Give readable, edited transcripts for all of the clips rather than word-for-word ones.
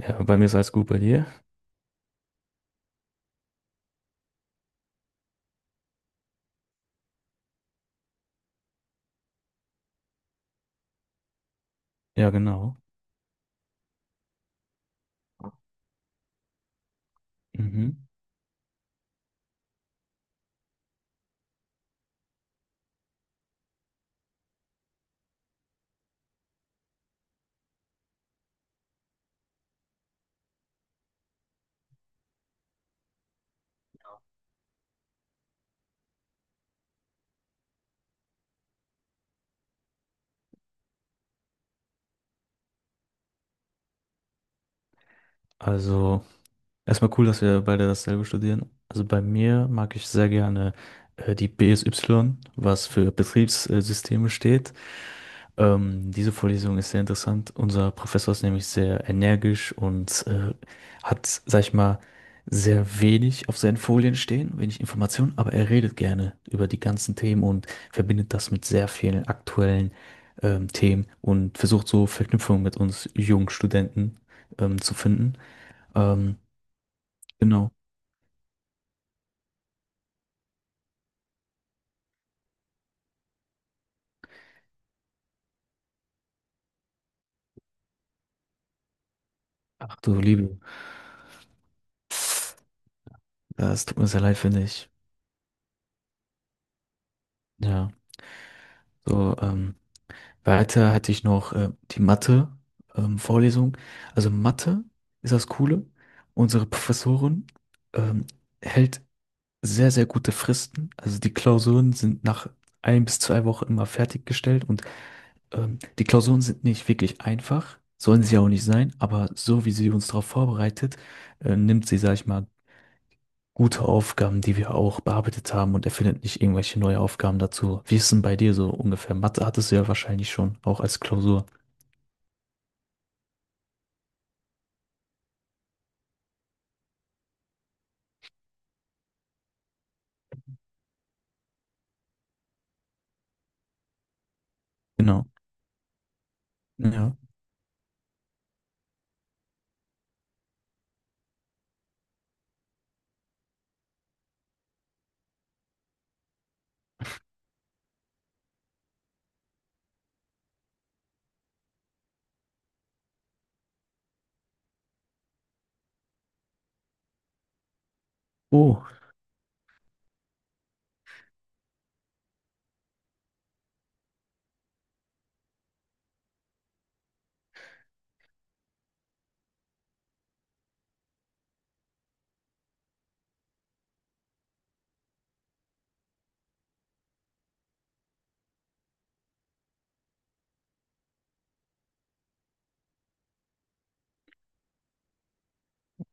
Ja, bei mir ist alles gut bei dir. Ja, genau. Mhm. Also, erstmal cool, dass wir beide dasselbe studieren. Also bei mir mag ich sehr gerne die BSY, was für Betriebssysteme steht. Diese Vorlesung ist sehr interessant. Unser Professor ist nämlich sehr energisch und hat, sag ich mal, sehr wenig auf seinen Folien stehen, wenig Informationen, aber er redet gerne über die ganzen Themen und verbindet das mit sehr vielen aktuellen Themen und versucht so Verknüpfungen mit uns jungen Studenten zu finden. Ähm, genau. Ach du Liebe, das tut mir sehr leid, finde ich. Ja, so, weiter hatte ich noch die Mathe, Vorlesung. Also Mathe ist das Coole. Unsere Professorin ähm, hält sehr, sehr gute Fristen. Also die Klausuren sind nach ein bis zwei Wochen immer fertiggestellt und die Klausuren sind nicht wirklich einfach, sollen sie auch nicht sein, aber so wie sie uns darauf vorbereitet, nimmt sie, sag ich mal, gute Aufgaben, die wir auch bearbeitet haben und erfindet nicht irgendwelche neue Aufgaben dazu. Wie ist denn bei dir so ungefähr? Mathe hattest du ja wahrscheinlich schon, auch als Klausur. Genau. Ja. Oh.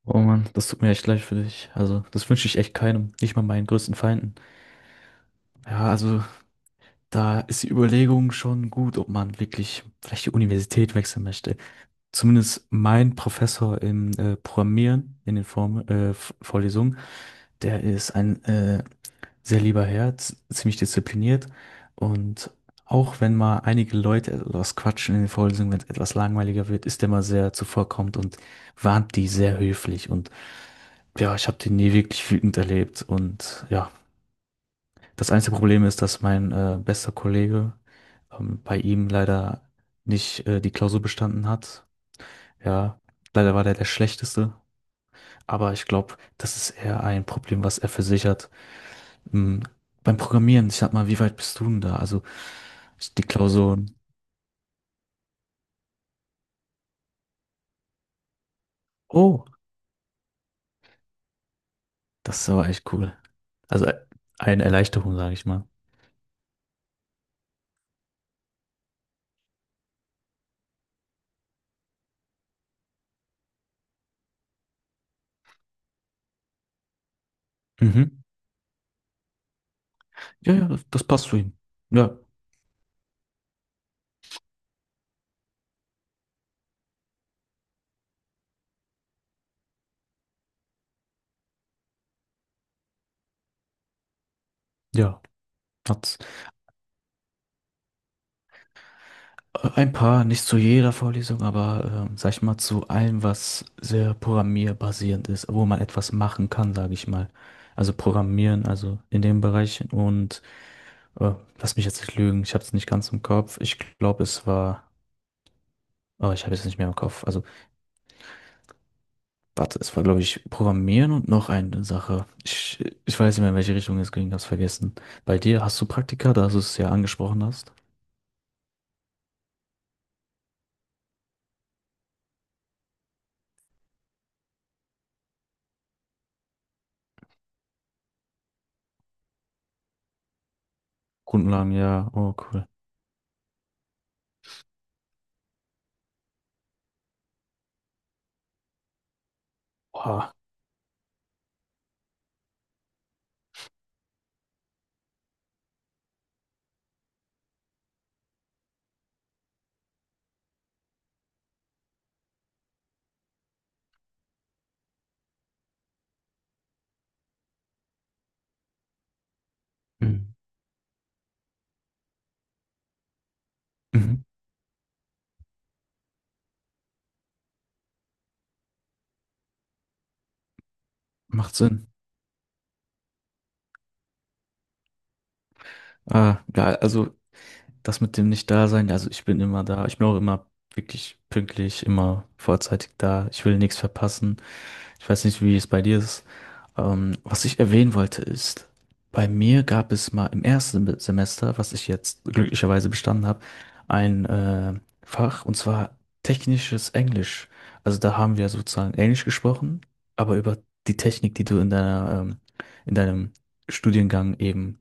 Oh Mann, das tut mir echt leid für dich. Also, das wünsche ich echt keinem, nicht mal meinen größten Feinden. Ja, also, da ist die Überlegung schon gut, ob man wirklich vielleicht die Universität wechseln möchte. Zumindest mein Professor im Programmieren in den Form, Vorlesungen, der ist ein sehr lieber Herr, ziemlich diszipliniert und auch wenn mal einige Leute etwas quatschen in den Vorlesungen, wenn es etwas langweiliger wird, ist er mal sehr zuvorkommend und warnt die sehr höflich und ja, ich habe den nie wirklich wütend erlebt und ja, das einzige Problem ist, dass mein bester Kollege bei ihm leider nicht die Klausur bestanden hat. Ja, leider war der Schlechteste, aber ich glaube, das ist eher ein Problem, was er für sich hat. Hm, Beim Programmieren, ich sag mal, wie weit bist du denn da? Also die Klausuren. Oh, das ist aber echt cool. Also eine Erleichterung, sage ich mal. Mhm. Ja, ja, das, das passt zu ihm. Ja, ja. Hat's ein paar, nicht zu jeder Vorlesung, aber sag ich mal, zu allem, was sehr programmierbasierend ist, wo man etwas machen kann, sage ich mal. Also Programmieren, also in dem Bereich. Und äh, lass mich jetzt nicht lügen, ich habe es nicht ganz im Kopf. Ich glaube, es war, oh, ich habe es nicht mehr im Kopf. Also warte, es war, glaube ich, Programmieren und noch eine Sache. Ich weiß nicht mehr, in welche Richtung es ging, hab's vergessen. Bei dir hast du Praktika, da du es ja angesprochen hast. Grundlagen, ja. Oh, cool. Wow. Mhm. Mhm. Macht Sinn. Ah, ja, also das mit dem Nicht-Dasein, also ich bin immer da. Ich bin auch immer wirklich pünktlich, immer vorzeitig da. Ich will nichts verpassen. Ich weiß nicht, wie es bei dir ist. Was ich erwähnen wollte ist, bei mir gab es mal im ersten Semester, was ich jetzt glücklicherweise bestanden habe, ein Fach und zwar technisches Englisch. Also da haben wir sozusagen Englisch gesprochen, aber über die Technik, die du in deiner, in deinem Studiengang eben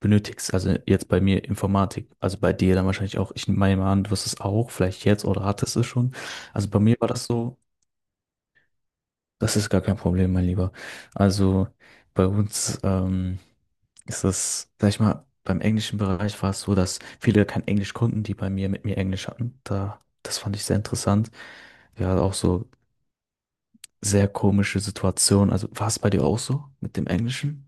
benötigst. Also jetzt bei mir Informatik, also bei dir dann wahrscheinlich auch. Ich meine mal an, du wirst es auch, vielleicht jetzt oder hattest es schon. Also bei mir war das so. Das ist gar kein Problem, mein Lieber. Also bei uns ist das, sag ich mal, beim englischen Bereich war es so, dass viele kein Englisch konnten, die bei mir mit mir Englisch hatten. Da, das fand ich sehr interessant. Wir hatten auch so sehr komische Situationen. Also war es bei dir auch so mit dem Englischen?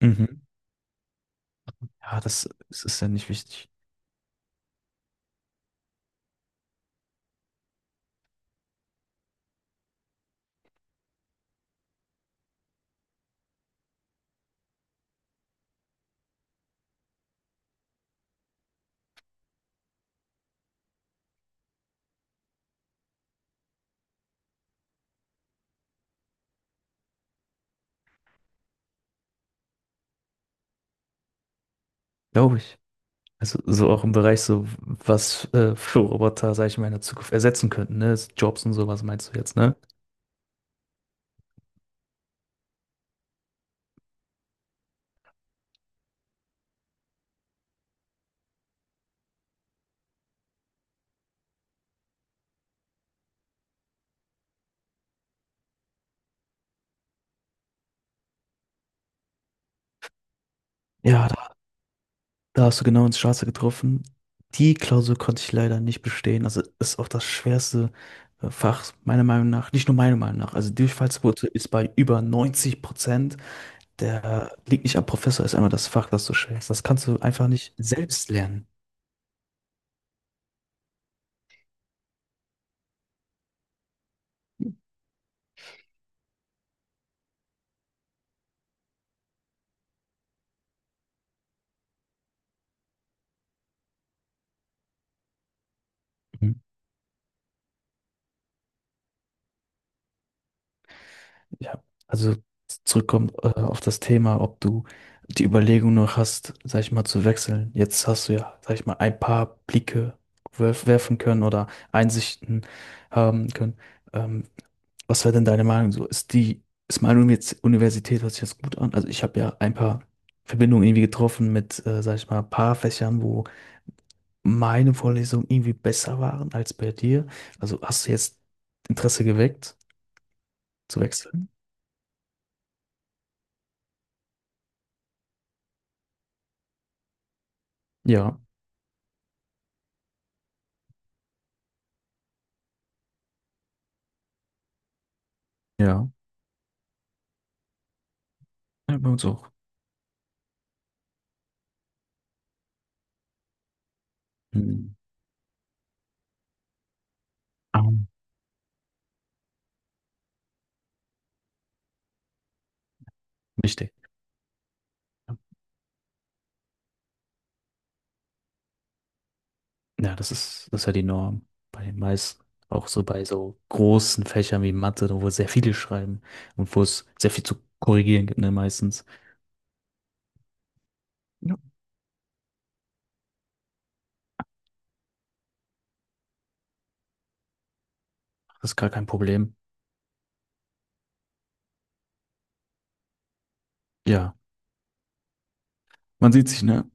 Mhm. Ja, das, das ist ja nicht wichtig, glaube ich. Also so auch im Bereich so, was für Roboter, sag ich mal, in der Zukunft ersetzen könnten, ne? Jobs und sowas meinst du jetzt, ne? Ja, da da hast du genau ins Schwarze getroffen. Die Klausur konnte ich leider nicht bestehen. Also ist auch das schwerste Fach, meiner Meinung nach. Nicht nur meiner Meinung nach. Also die Durchfallsquote ist bei über 90%. Der liegt nicht am Professor, ist einmal das Fach, das du schwerst. Das kannst du einfach nicht selbst lernen. Mhm. Ja. Also zurückkommt auf das Thema, ob du die Überlegung noch hast, sag ich mal, zu wechseln. Jetzt hast du ja, sag ich mal, ein paar Blicke werfen können oder Einsichten haben können. Ähm, Was wäre denn deine Meinung so? Ist die, ist meine Universität, hört sich das gut an? Also ich habe ja ein paar Verbindungen irgendwie getroffen mit, sag ich mal, ein paar Fächern, wo meine Vorlesungen irgendwie besser waren als bei dir. Also hast du jetzt Interesse geweckt zu wechseln? Ja, ja. Ja, bei uns auch. Hm. Ah, wichtig. Ja, das ist ja die Norm bei den meisten. Auch so bei so großen Fächern wie Mathe, wo sehr viele schreiben und wo es sehr viel zu korrigieren gibt, ne, meistens. Das ist gar kein Problem. Ja, man sieht sich, ne?